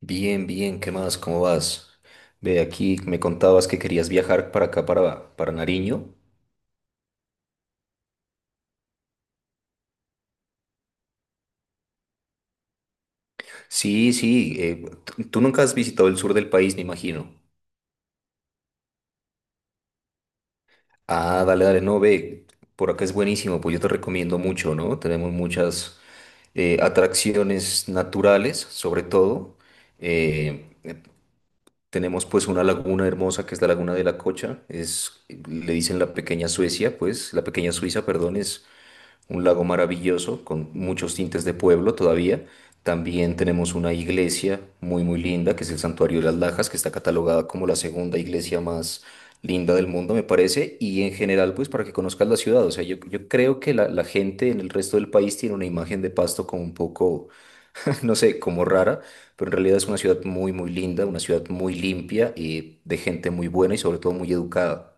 Bien, bien, ¿qué más? ¿Cómo vas? Ve, aquí me contabas que querías viajar para acá, para Nariño. Sí, sí, tú nunca has visitado el sur del país, me imagino. Ah, dale, dale, no, ve, por acá es buenísimo, pues yo te recomiendo mucho, ¿no? Tenemos muchas atracciones naturales, sobre todo. Eh, tenemos pues una laguna hermosa que es la Laguna de la Cocha, le dicen la pequeña Suecia, pues, la pequeña Suiza, perdón. Es un lago maravilloso con muchos tintes de pueblo todavía. También tenemos una iglesia muy muy linda que es el Santuario de las Lajas, que está catalogada como la segunda iglesia más linda del mundo, me parece. Y en general, pues para que conozcas la ciudad, o sea, yo creo que la gente en el resto del país tiene una imagen de Pasto como un poco, no sé, como rara, pero en realidad es una ciudad muy muy linda, una ciudad muy limpia y de gente muy buena y sobre todo muy educada.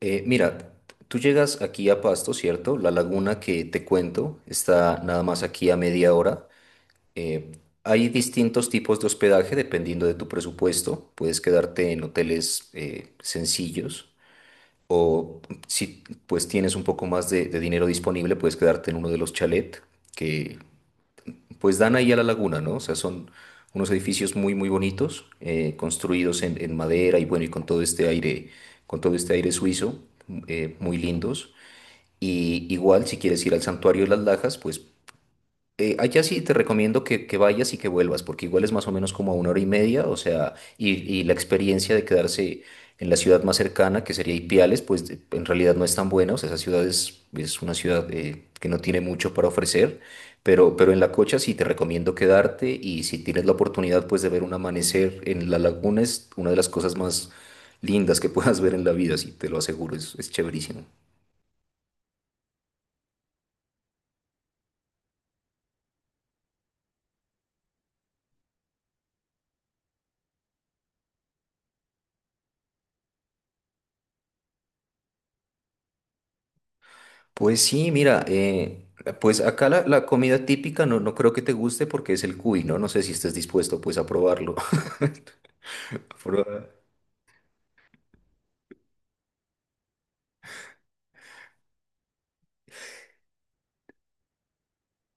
Mira, tú llegas aquí a Pasto, ¿cierto? La laguna que te cuento está nada más aquí a media hora. Eh, hay distintos tipos de hospedaje dependiendo de tu presupuesto. Puedes quedarte en hoteles sencillos, o si pues tienes un poco más de, dinero disponible, puedes quedarte en uno de los chalet que pues dan ahí a la laguna, ¿no? O sea, son unos edificios muy, muy bonitos, construidos en madera y bueno, y con todo este aire, con todo este aire suizo, muy lindos. Y igual, si quieres ir al Santuario de las Lajas, pues allá sí te recomiendo que vayas y que vuelvas, porque igual es más o menos como a una hora y media, o sea, y la experiencia de quedarse en la ciudad más cercana, que sería Ipiales, pues en realidad no es tan buena. O sea, esa ciudad es una ciudad que no tiene mucho para ofrecer, pero en La Cocha sí te recomiendo quedarte, y si tienes la oportunidad pues de ver un amanecer en la laguna, es una de las cosas más lindas que puedas ver en la vida. Sí, te lo aseguro, es chéverísimo. Pues sí, mira, pues acá la comida típica no, no creo que te guste porque es el cuy, ¿no? No sé si estés dispuesto pues a probarlo. A probar.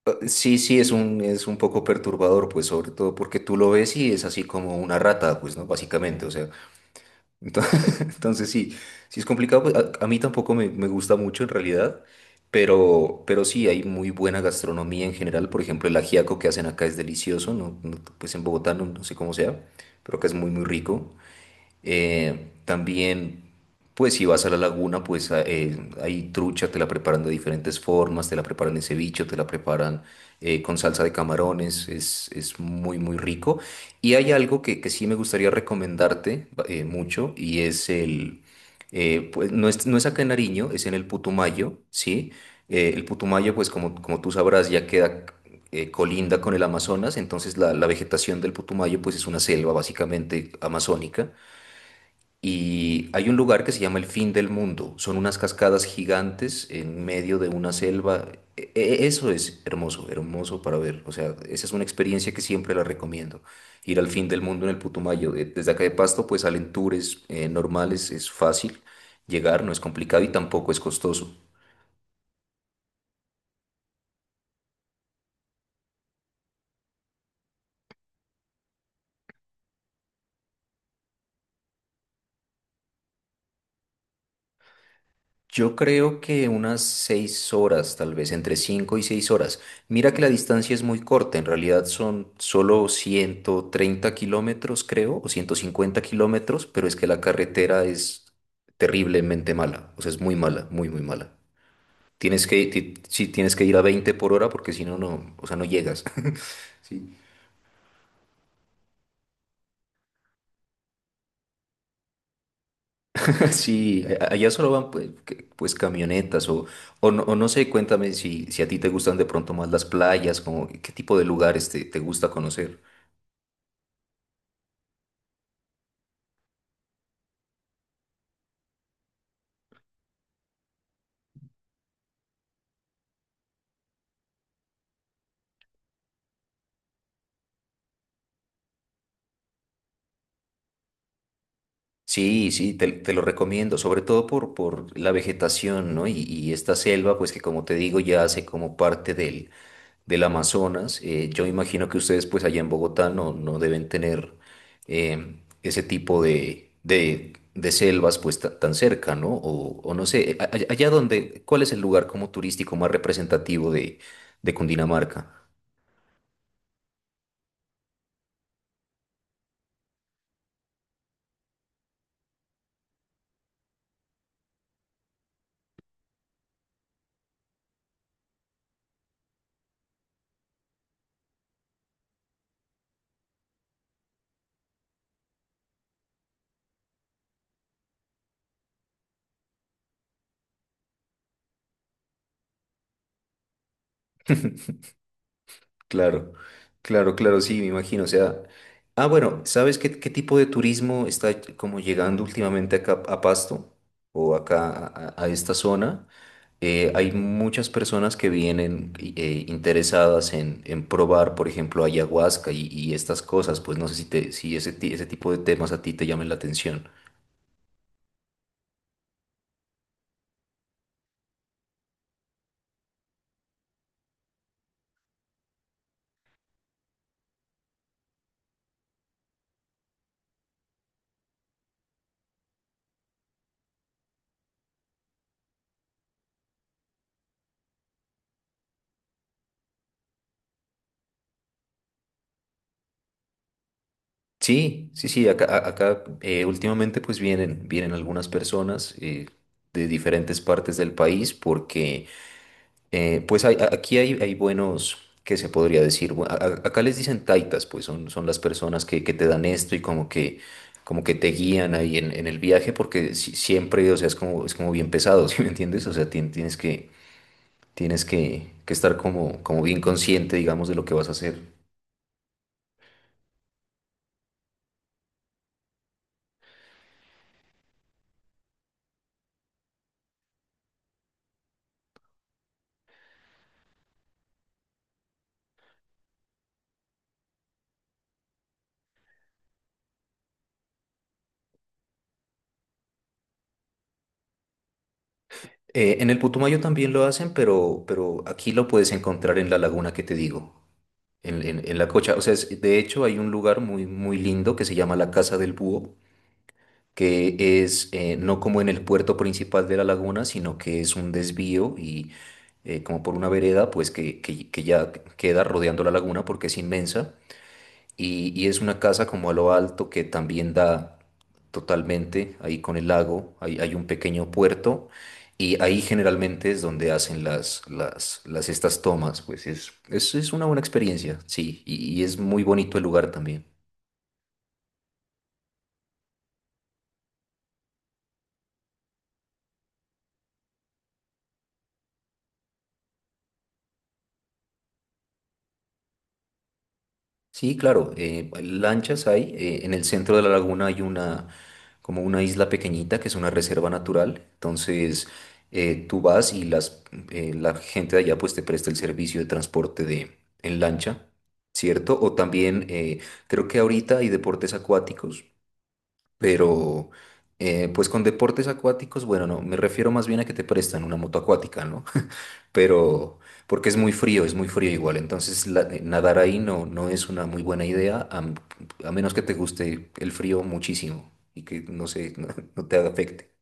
Sí, sí, es un poco perturbador, pues sobre todo porque tú lo ves y es así como una rata, pues, ¿no? Básicamente, o sea. Entonces, entonces sí, sí es complicado, pues, a mí tampoco me gusta mucho en realidad, pero sí, hay muy buena gastronomía en general. Por ejemplo, el ajiaco que hacen acá es delicioso, ¿no? No, pues en Bogotá no, no sé cómo sea, pero acá es muy, muy rico. También, pues si vas a la laguna, pues hay trucha, te la preparan de diferentes formas, te la preparan en ceviche, te la preparan con salsa de camarones. Es muy, muy rico. Y hay algo que sí me gustaría recomendarte mucho, y es pues no es acá en Nariño, es en el Putumayo, ¿sí? El Putumayo, pues como, como tú sabrás, ya queda, colinda con el Amazonas, entonces la vegetación del Putumayo pues es una selva básicamente amazónica. Y hay un lugar que se llama El Fin del Mundo. Son unas cascadas gigantes en medio de una selva. Eso es hermoso, hermoso para ver. O sea, esa es una experiencia que siempre la recomiendo. Ir al fin del mundo en el Putumayo. Desde acá de Pasto, pues salen tours normales, es fácil llegar, no es complicado y tampoco es costoso. Yo creo que unas 6 horas, tal vez, entre 5 y 6 horas. Mira que la distancia es muy corta, en realidad son solo 130 kilómetros, creo, o 150 kilómetros, pero es que la carretera es terriblemente mala, o sea, es muy mala, muy, muy mala. Sí, tienes que ir a 20 por hora porque si no, no, o sea, no llegas. Sí. Sí, allá solo van, pues, pues, camionetas, no, o no sé, cuéntame si a ti te gustan de pronto más las playas, como qué tipo de lugares te, gusta conocer. Sí, sí, te lo recomiendo, sobre todo por la vegetación, ¿no? Y esta selva, pues que como te digo, ya hace como parte del Amazonas. Yo imagino que ustedes, pues allá en Bogotá, no, no deben tener ese tipo de selvas, pues tan cerca, ¿no? O no sé, allá donde, ¿cuál es el lugar como turístico más representativo de Cundinamarca? Claro, claro, claro, sí, me imagino. O sea, ah, bueno, ¿sabes qué, tipo de turismo está como llegando últimamente acá a Pasto o acá a esta zona? Hay muchas personas que vienen interesadas en probar, por ejemplo, ayahuasca y estas cosas. Pues no sé si ese tipo de temas a ti te llamen la atención. Sí, sí, sí, acá, acá últimamente pues vienen algunas personas de diferentes partes del país, porque aquí hay buenos, que se podría decir? Acá les dicen taitas, pues son las personas que te dan esto y como que, te guían ahí en el viaje, porque siempre, o sea, es como bien pesado, ¿sí me entiendes? O sea, tienes que estar como bien consciente, digamos, de lo que vas a hacer. En el Putumayo también lo hacen, pero aquí lo puedes encontrar en la laguna que te digo, en, en la Cocha. O sea, de hecho hay un lugar muy, muy lindo que se llama la Casa del Búho, que es no como en el puerto principal de la laguna, sino que es un desvío, y como por una vereda, pues que, que ya queda rodeando la laguna porque es inmensa, y es una casa como a lo alto que también da totalmente ahí con el lago. Hay un pequeño puerto y ahí generalmente es donde hacen las, las estas tomas, pues es una buena experiencia, sí, y es muy bonito el lugar también. Sí, claro, lanchas hay. En el centro de la laguna hay una, como una isla pequeñita que es una reserva natural. Entonces, tú vas y la gente de allá pues te presta el servicio de transporte en lancha, ¿cierto? O también creo que ahorita hay deportes acuáticos, pero pues con deportes acuáticos, bueno, no, me refiero más bien a que te prestan una moto acuática, ¿no? Pero porque es muy frío igual, entonces nadar ahí no, no es una muy buena idea, a menos que te guste el frío muchísimo y que no sé, no, no te afecte.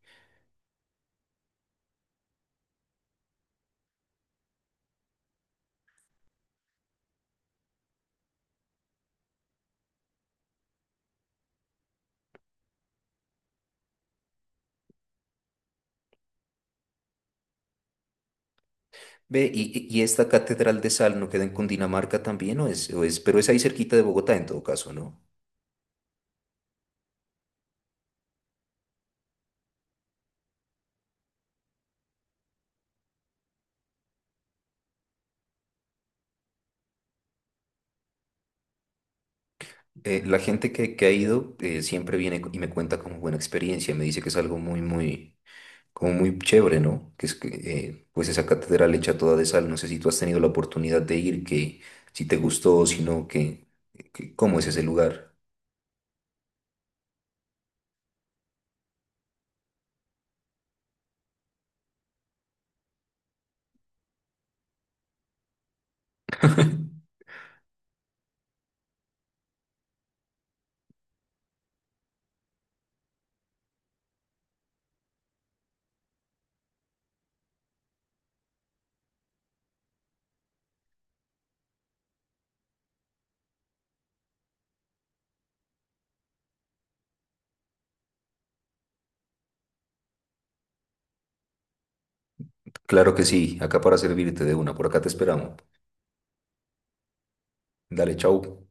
Ve, y esta catedral de sal no queda en Cundinamarca también, o es, pero es ahí cerquita de Bogotá en todo caso, ¿no? La gente que ha ido siempre viene y me cuenta como buena experiencia, me dice que es algo muy, muy como muy chévere, ¿no? Pues esa catedral hecha toda de sal, no sé si tú has tenido la oportunidad de ir, que si te gustó o si no, que, cómo es ese lugar. Claro que sí, acá para servirte de una, por acá te esperamos. Dale, chau.